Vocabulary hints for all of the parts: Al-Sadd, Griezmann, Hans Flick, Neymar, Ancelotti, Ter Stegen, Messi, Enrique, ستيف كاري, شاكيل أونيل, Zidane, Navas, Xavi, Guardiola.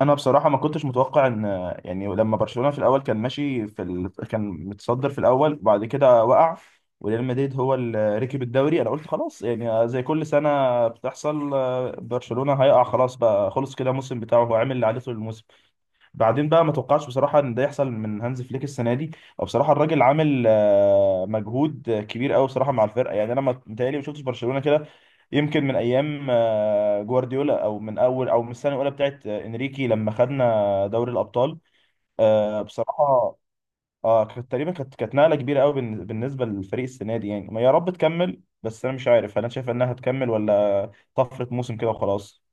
انا بصراحه ما كنتش متوقع ان يعني لما برشلونه في الاول كان ماشي كان متصدر في الاول، بعد كده وقع. وريال مدريد هو اللي ركب الدوري. انا قلت خلاص يعني زي كل سنه بتحصل، برشلونه هيقع خلاص، بقى خلص كده الموسم بتاعه، هو عامل اللي عليه طول الموسم. بعدين بقى ما توقعش بصراحه ان ده يحصل من هانز فليك السنه دي. او بصراحه الراجل عامل مجهود كبير قوي بصراحه مع الفرقه. يعني انا ما متهيألي ما شفتش برشلونه كده يمكن من ايام جوارديولا، او من اول، او من السنه الاولى بتاعت انريكي لما خدنا دوري الابطال، بصراحه. اه، كانت تقريبا كانت نقله كبيره قوي بالنسبه للفريق السنه دي. يعني ما، يا رب تكمل، بس انا مش عارف هل انا شايف انها هتكمل ولا طفره موسم كده وخلاص.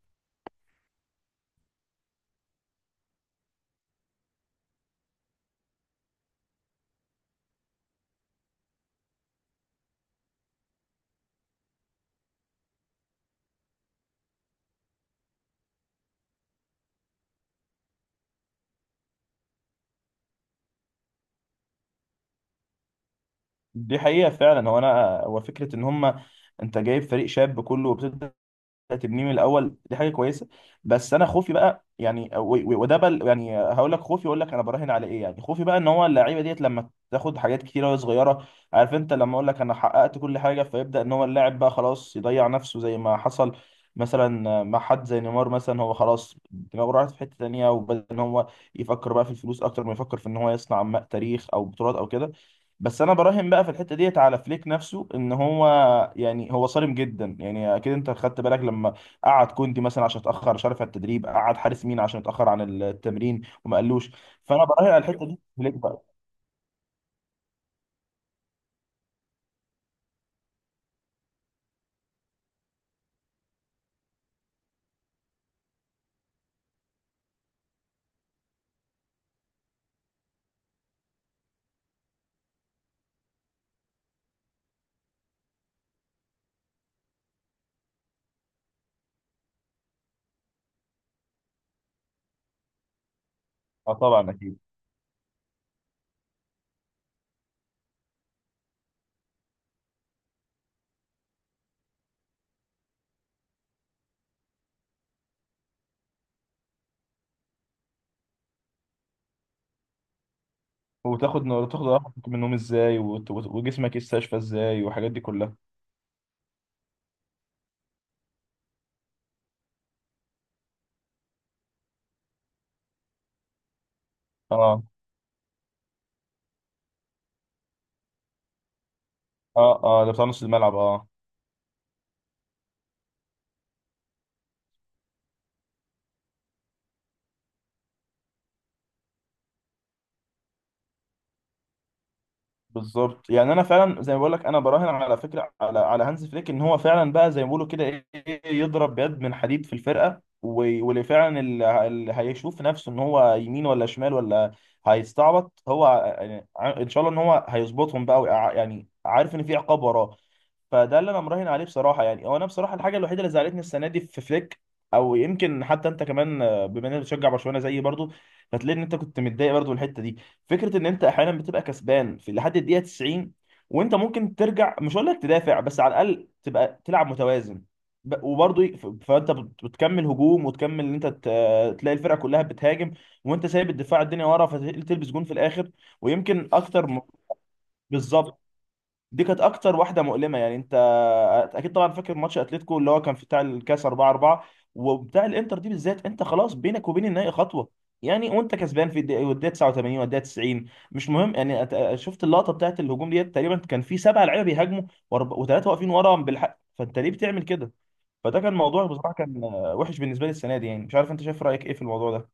دي حقيقه فعلا. هو انا هو فكره ان هم، انت جايب فريق شاب كله وبتبدا تبنيه من الاول، دي حاجه كويسه. بس انا خوفي بقى، يعني وده بل، يعني هقول لك خوفي، اقول لك انا براهن على ايه، يعني خوفي بقى ان هو اللعيبه ديت لما تاخد حاجات كتيره وهي صغيره. عارف انت، لما اقول لك انا حققت كل حاجه، فيبدا ان هو اللاعب بقى خلاص يضيع نفسه زي ما حصل مثلا مع حد زي نيمار مثلا. هو خلاص دماغه راحت في حته تانيه، وبدا ان هو يفكر بقى في الفلوس اكتر ما يفكر في ان هو يصنع تاريخ او بطولات او كده. بس انا براهن بقى في الحته ديت على فليك نفسه، ان هو، يعني هو صارم جدا. يعني اكيد انت خدت بالك لما قعد كوندي مثلا عشان اتاخر، مش عارف، على التدريب، قعد حارس مين عشان اتاخر عن التمرين وما قالوش. فانا براهن على الحته دي فليك بقى. اه، طبعا اكيد. وتاخد راحتك من النوم ازاي، وجسمك يستشفى ازاي، والحاجات دي كلها. اه، اه، اه، ده بتاع نص الملعب، اه. بالظبط، يعني انا فعلا زي ما بقول لك انا براهن على فكره، على هانز فليك، ان هو فعلا بقى زي ما بيقولوا كده، ايه إيه، يضرب بيد من حديد في الفرقه. واللي فعلا اللي هيشوف نفسه ان هو يمين ولا شمال، ولا هيستعبط، هو يعني ان شاء الله ان هو هيظبطهم بقى، يعني عارف ان في عقاب وراه. فده اللي انا مراهن عليه بصراحه. يعني هو انا بصراحه الحاجه الوحيده اللي زعلتني السنه دي في فليك، او يمكن حتى انت كمان، بما انك بتشجع برشلونه زيي برضو، فتلاقي ان انت كنت متضايق برضو من الحته دي. فكره ان انت احيانا بتبقى كسبان في لحد الدقيقه 90، وانت ممكن ترجع، مش هقول لك تدافع، بس على الاقل تبقى تلعب متوازن. وبرضو فانت بتكمل هجوم، وتكمل ان انت تلاقي الفرقه كلها بتهاجم، وانت سايب الدفاع، الدنيا ورا، فتلبس جون في الاخر. ويمكن اكتر بالظبط. دي كانت اكتر واحده مؤلمه، يعني انت اكيد طبعا فاكر ماتش اتلتيكو اللي هو كان في بتاع الكاس 4-4، وبتاع الانتر دي بالذات، انت خلاص بينك وبين النهائي خطوه. يعني وانت كسبان في الدقيقه، والدقيقة 89، والدقيقه 90، مش مهم. يعني شفت اللقطه بتاعت الهجوم ديت، تقريبا كان في سبع لعيبه بيهاجموا، وثلاثه واقفين ورا بالحق، فانت ليه بتعمل كده؟ فده كان موضوع بصراحه كان وحش بالنسبه لي السنه دي. يعني مش عارف انت شايف رايك ايه في الموضوع ده؟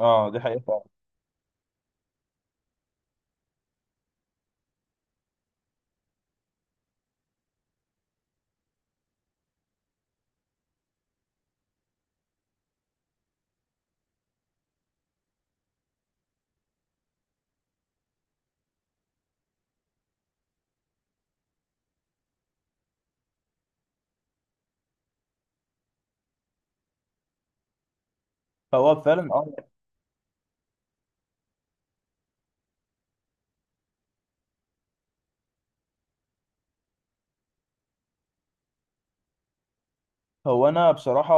اه، دي حقيقه فعلا. فهو فعلا، اه. هو انا بصراحه،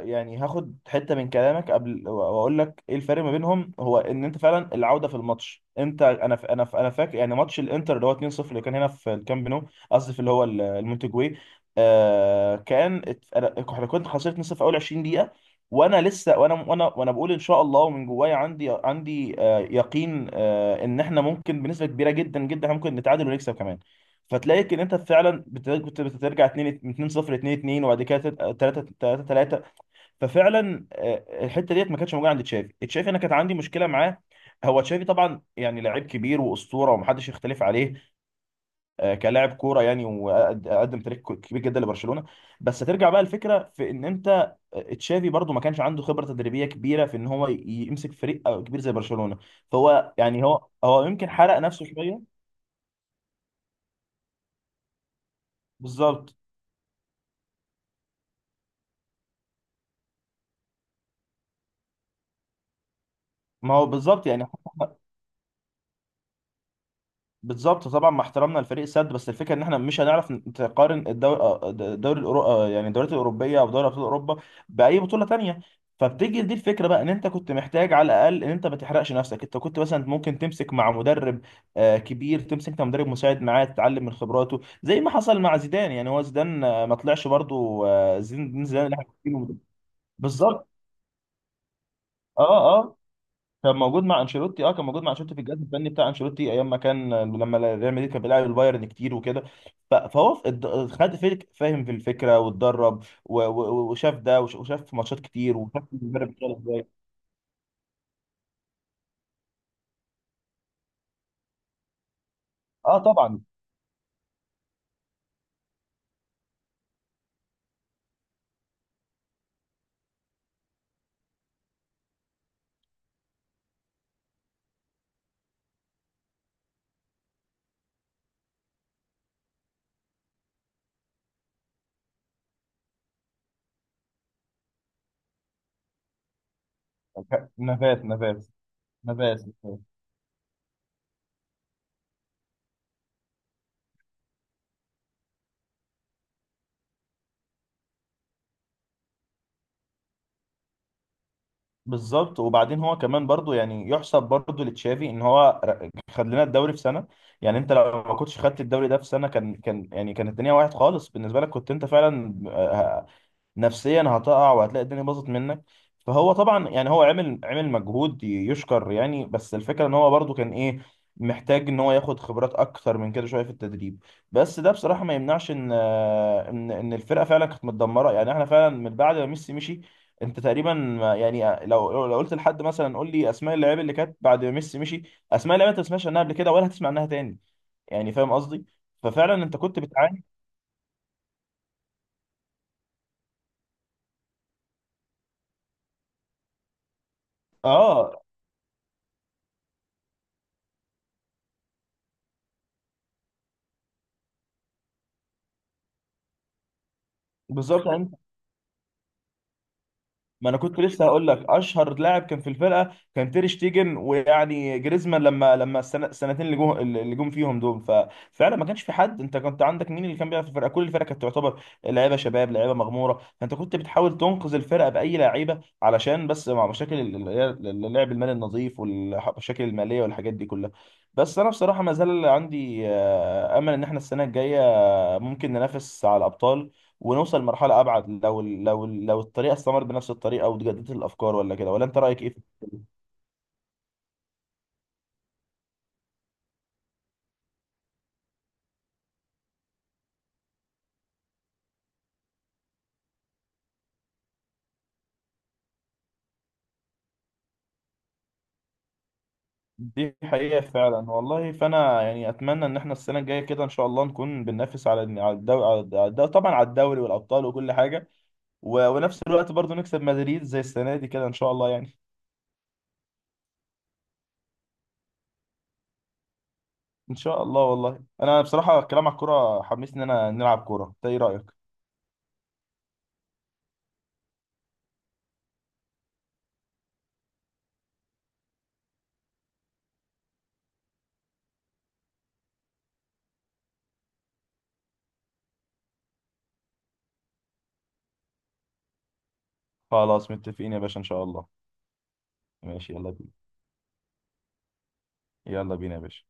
يعني هاخد حته من كلامك قبل واقول لك ايه الفرق ما بينهم. هو ان انت فعلا العوده في الماتش، انت، انا فاكر يعني ماتش الانتر اللي هو 2-0، اللي كان هنا في الكامب نو، قصدي في اللي هو المونتجوي. آه كان ات- انا احنا كنت خسرت 2-0 في اول 20 دقيقه، وانا لسه وانا بقول ان شاء الله، ومن جوايا عندي يقين، ان احنا ممكن بنسبه كبيره جدا جدا، احنا ممكن نتعادل ونكسب كمان. فتلاقيك ان انت فعلا بترجع 2 2 0 2 2، وبعد كده 3 3 3. ففعلا الحته ديت ما كانتش موجوده عند تشافي. تشافي انا كانت عندي مشكله معاه. هو تشافي طبعا يعني لعيب كبير واسطوره ومحدش يختلف عليه كلاعب كوره، يعني، وقدم تاريخ كبير جدا لبرشلونه. بس ترجع بقى الفكره في ان انت، تشافي برضو ما كانش عنده خبره تدريبيه كبيره في ان هو يمسك فريق كبير زي برشلونه، فهو يعني هو يمكن حرق نفسه شويه. بالظبط. ما هو بالظبط، يعني. بالظبط طبعا، مع احترامنا لفريق السد، بس الفكره ان احنا مش هنعرف نقارن الدوري الأورو... آه، يعني الدوريات الاوروبيه، او دوري ابطال اوروبا، باي بطوله تانية. فبتيجي دي الفكره بقى، ان انت كنت محتاج على الاقل ان انت ما تحرقش نفسك. انت كنت مثلا ممكن تمسك مع مدرب كبير، تمسك انت مدرب مساعد معاه تتعلم من خبراته زي ما حصل مع زيدان. يعني هو زيدان، ما طلعش برضه زيدان اللي احنا عارفينه. بالظبط. اه. آه. كان موجود مع انشيلوتي. اه. كان موجود مع انشيلوتي في الجهاز الفني بتاع انشيلوتي ايام ما كان، لما ريال مدريد كان بيلعب البايرن كتير وكده. فهو خد فيك، فاهم، في الفكره، واتدرب، وشاف ده، وشاف ماتشات كتير، وشاف المدرب بيشتغل ازاي. اه، طبعا. نافاس، نافاس، نافاس. بالظبط. وبعدين هو كمان برضو، يعني، يحسب برضو لتشافي ان هو خد لنا الدوري في سنه. يعني انت لو ما كنتش خدت الدوري ده في سنه، كان يعني كانت الدنيا واحد خالص بالنسبه لك، كنت انت فعلا نفسيا هتقع، وهتلاقي الدنيا باظت منك. فهو طبعا، يعني، هو عمل مجهود يشكر يعني. بس الفكره ان هو برضو كان ايه، محتاج ان هو ياخد خبرات اكتر من كده شويه في التدريب. بس ده بصراحه ما يمنعش ان، ان الفرقه فعلا كانت متدمره. يعني احنا فعلا من بعد ما ميسي مشي، انت تقريبا يعني لو قلت لحد مثلا قول لي اسماء اللعيبه اللي كانت بعد ما ميسي مشي، اسماء اللعيبه انت ما سمعتش عنها قبل كده، ولا هتسمع عنها تاني، يعني فاهم قصدي؟ ففعلا انت كنت بتعاني. اه، بالظبط. يعني ما انا كنت لسه هقول لك اشهر لاعب كان في الفرقه كان تير شتيجن، ويعني جريزمان لما السنتين اللي جم فيهم دول، ففعلا ما كانش في حد. انت كنت عندك مين اللي كان بيلعب في الفرقه؟ كل الفرقه كانت تعتبر لعيبه شباب، لعيبه مغموره، فانت كنت بتحاول تنقذ الفرقه باي لعيبه علشان بس، مع مشاكل اللعب المالي النظيف والمشاكل الماليه والحاجات دي كلها. بس انا بصراحه ما زال عندي امل ان احنا السنه الجايه ممكن ننافس على الابطال، ونوصل لمرحله ابعد، لو لو الطريقه استمرت بنفس الطريقه، وتجددت الافكار ولا كده، ولا انت رايك ايه؟ دي حقيقه فعلا والله. فانا يعني اتمنى ان احنا السنه الجايه كده ان شاء الله نكون بننافس على الدوري، على الدوري طبعا، على الدوري والابطال وكل حاجه. ونفس الوقت برضو نكسب مدريد زي السنه دي كده، ان شاء الله، يعني. ان شاء الله والله. انا بصراحه الكلام على الكوره حمسني ان انا نلعب كوره. انت ايه رايك؟ خلاص متفقين يا باشا، ان شاء الله. ماشي، يلا بينا. يلا بينا يا باشا.